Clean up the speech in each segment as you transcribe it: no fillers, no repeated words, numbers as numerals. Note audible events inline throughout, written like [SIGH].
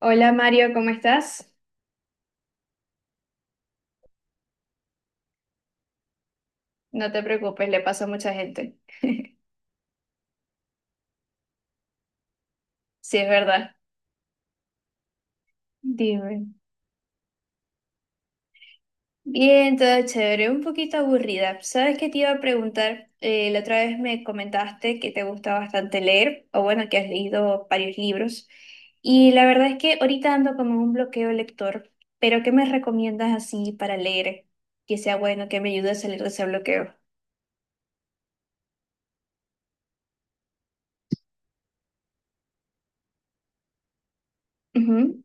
Hola Mario, ¿cómo estás? No te preocupes, le pasó a mucha gente. [LAUGHS] Sí, es verdad. Dime. Bien, todo chévere, un poquito aburrida. ¿Sabes qué te iba a preguntar? La otra vez me comentaste que te gusta bastante leer, o bueno, que has leído varios libros. Y la verdad es que ahorita ando como un bloqueo lector, pero ¿qué me recomiendas así para leer? Que sea bueno, que me ayude a salir de ese bloqueo. Ujú.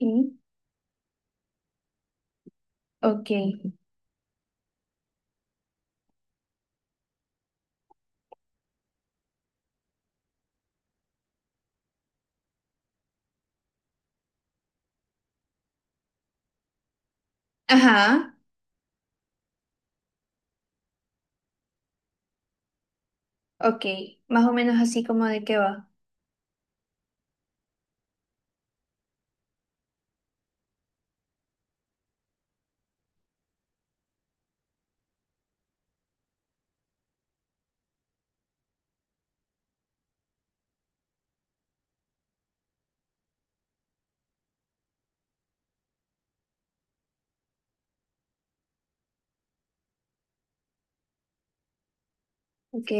Sí. Ok. Ajá, ok. Más o menos así, ¿como de qué va? Ok,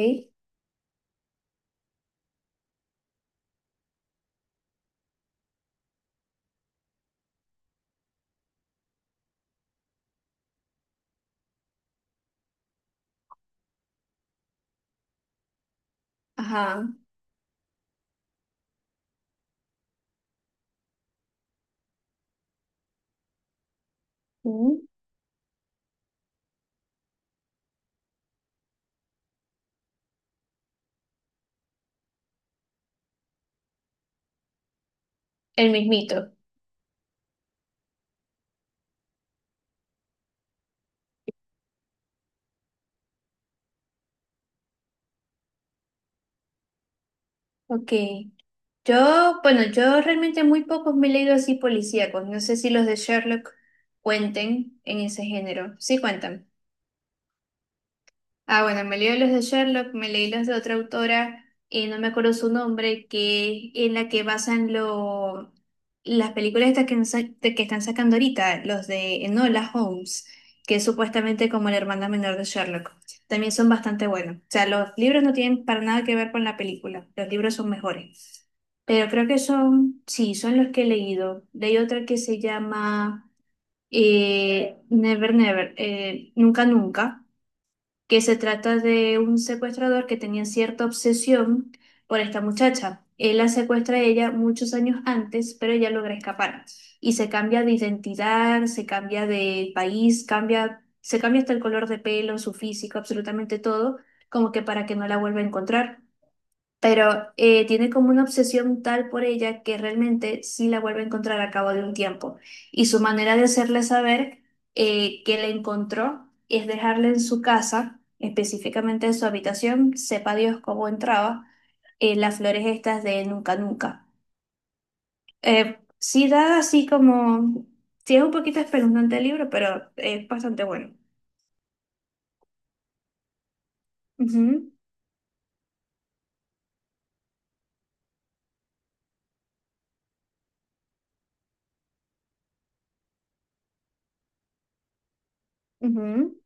ajá, mm. El mismito. Ok. Yo, bueno, yo realmente muy pocos me he leído, así policíacos. No sé si los de Sherlock cuenten en ese género. Sí cuentan. Ah, bueno, me leí los de Sherlock, me leí los de otra autora, no me acuerdo su nombre, que en la que basan las películas estas que están sacando ahorita, los de Enola Holmes, que es supuestamente como la hermana menor de Sherlock. También son bastante buenos. O sea, los libros no tienen para nada que ver con la película, los libros son mejores. Pero creo que son, sí, son los que he leído. Leí otra que se llama Never Never, Nunca Nunca, que se trata de un secuestrador que tenía cierta obsesión por esta muchacha. Él la secuestra a ella muchos años antes, pero ella logra escapar y se cambia de identidad, se cambia de país, se cambia hasta el color de pelo, su físico, absolutamente todo, como que para que no la vuelva a encontrar. Pero tiene como una obsesión tal por ella que realmente sí la vuelve a encontrar a cabo de un tiempo. Y su manera de hacerle saber que la encontró es dejarle en su casa, específicamente en su habitación, sepa Dios cómo entraba, las flores estas de Nunca Nunca. Sí da así como, sí es un poquito espeluznante el libro, pero es bastante bueno. Ujú, ujú.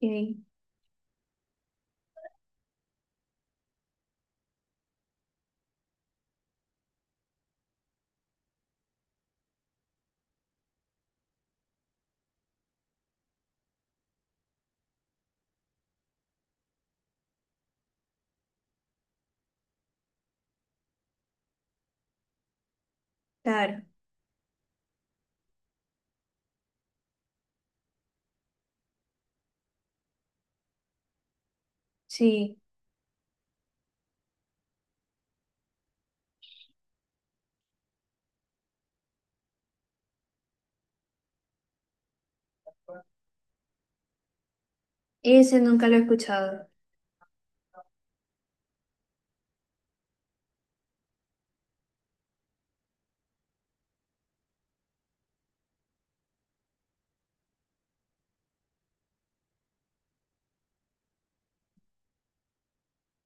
Y, claro, sí, ese nunca lo he escuchado.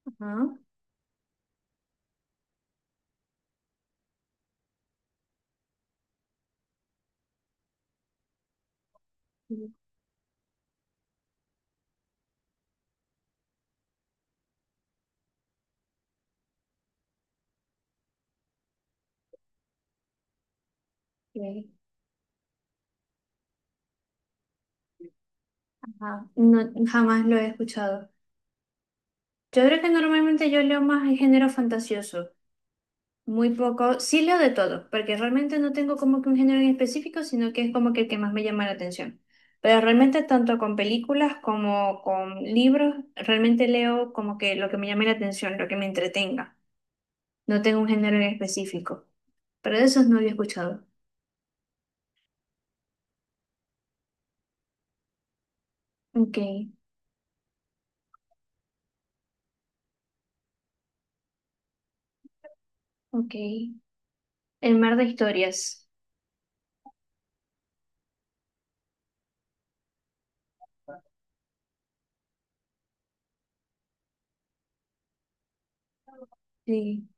Ajá. Ok, ajá. No, jamás lo he escuchado. Yo creo que normalmente yo leo más el género fantasioso, muy poco, sí leo de todo, porque realmente no tengo como que un género en específico, sino que es como que el que más me llama la atención. Pero realmente tanto con películas como con libros, realmente leo como que lo que me llame la atención, lo que me entretenga. No tengo un género en específico, pero de esos no había escuchado. Ok, ok. El mar de historias, sí.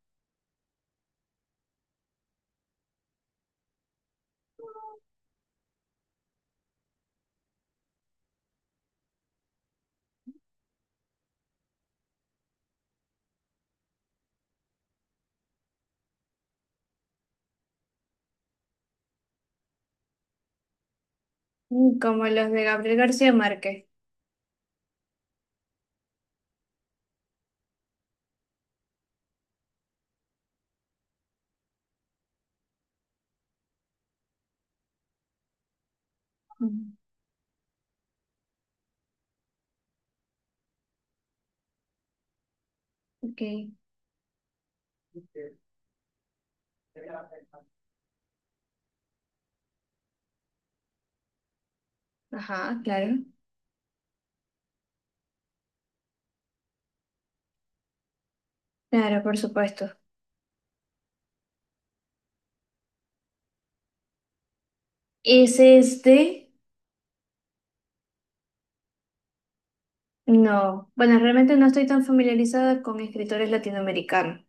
Mm, como los de Gabriel García Márquez. Ok, ajá, claro, claro, por supuesto. ¿Es este? No, bueno, realmente no estoy tan familiarizada con escritores latinoamericanos.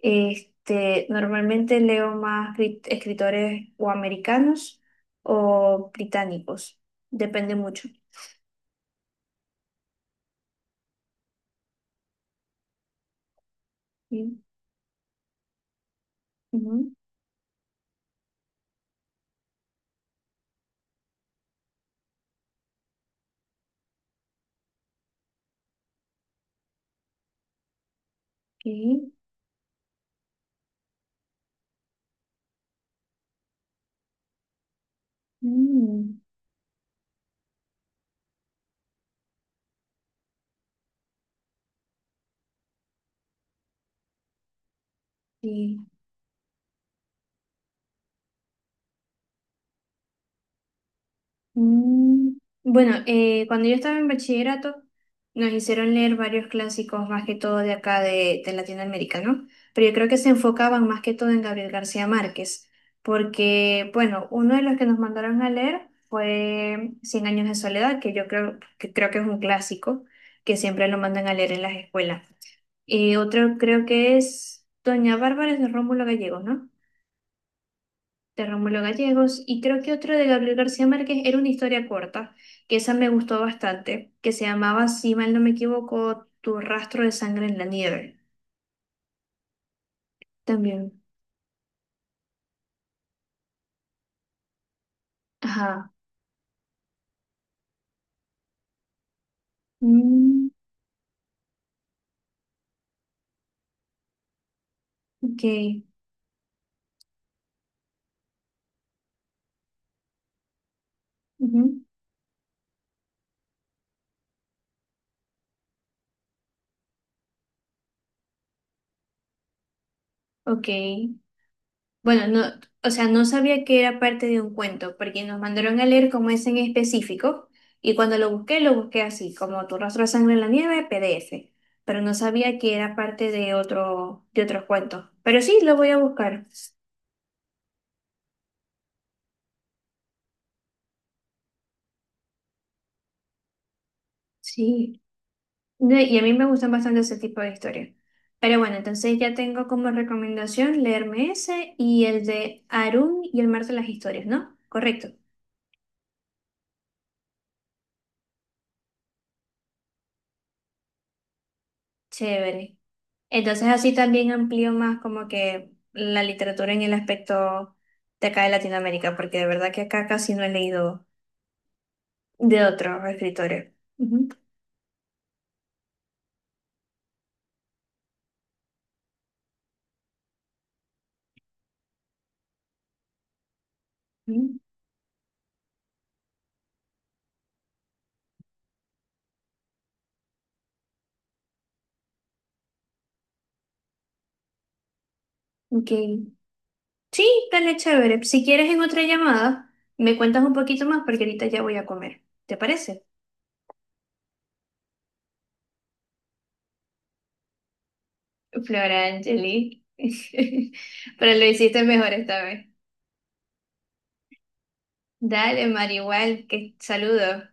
Este, normalmente leo más escritores o americanos o británicos, depende mucho. Sí, ujú, ok, mm, sí. Mm. Bueno, cuando yo estaba en bachillerato, nos hicieron leer varios clásicos, más que todo de acá de Latinoamérica, ¿no? Pero yo creo que se enfocaban más que todo en Gabriel García Márquez, porque, bueno, uno de los que nos mandaron a leer fue Cien años de soledad, que yo creo que es un clásico, que siempre lo mandan a leer en las escuelas. Y otro creo que es Doña Bárbara de Rómulo Gallegos, ¿no? De Rómulo Gallegos, y creo que otro de Gabriel García Márquez era una historia corta, que esa me gustó bastante, que se llamaba, si mal no me equivoco, Tu rastro de sangre en la nieve. También. Ajá. Mm, ok. Ujú. Ok. Bueno, no, o sea, no sabía que era parte de un cuento, porque nos mandaron a leer como ese en específico, y cuando lo busqué así, como Tu rastro de sangre en la nieve, PDF. Pero no sabía que era parte de de otros cuentos. Pero sí, lo voy a buscar. Sí. No, y a mí me gustan bastante ese tipo de historias. Pero bueno, entonces ya tengo como recomendación leerme ese y el de Arun y el mar de las historias, ¿no? Correcto. Chévere. Entonces así también amplío más como que la literatura en el aspecto de acá de Latinoamérica, porque de verdad que acá casi no he leído de otros escritores. Ujú. Ujú. Ok. Sí, dale chévere. Si quieres en otra llamada, me cuentas un poquito más porque ahorita ya voy a comer. ¿Te parece? Flora Angeli. [LAUGHS] Pero lo hiciste mejor esta vez. Dale, Marihual, que saludos.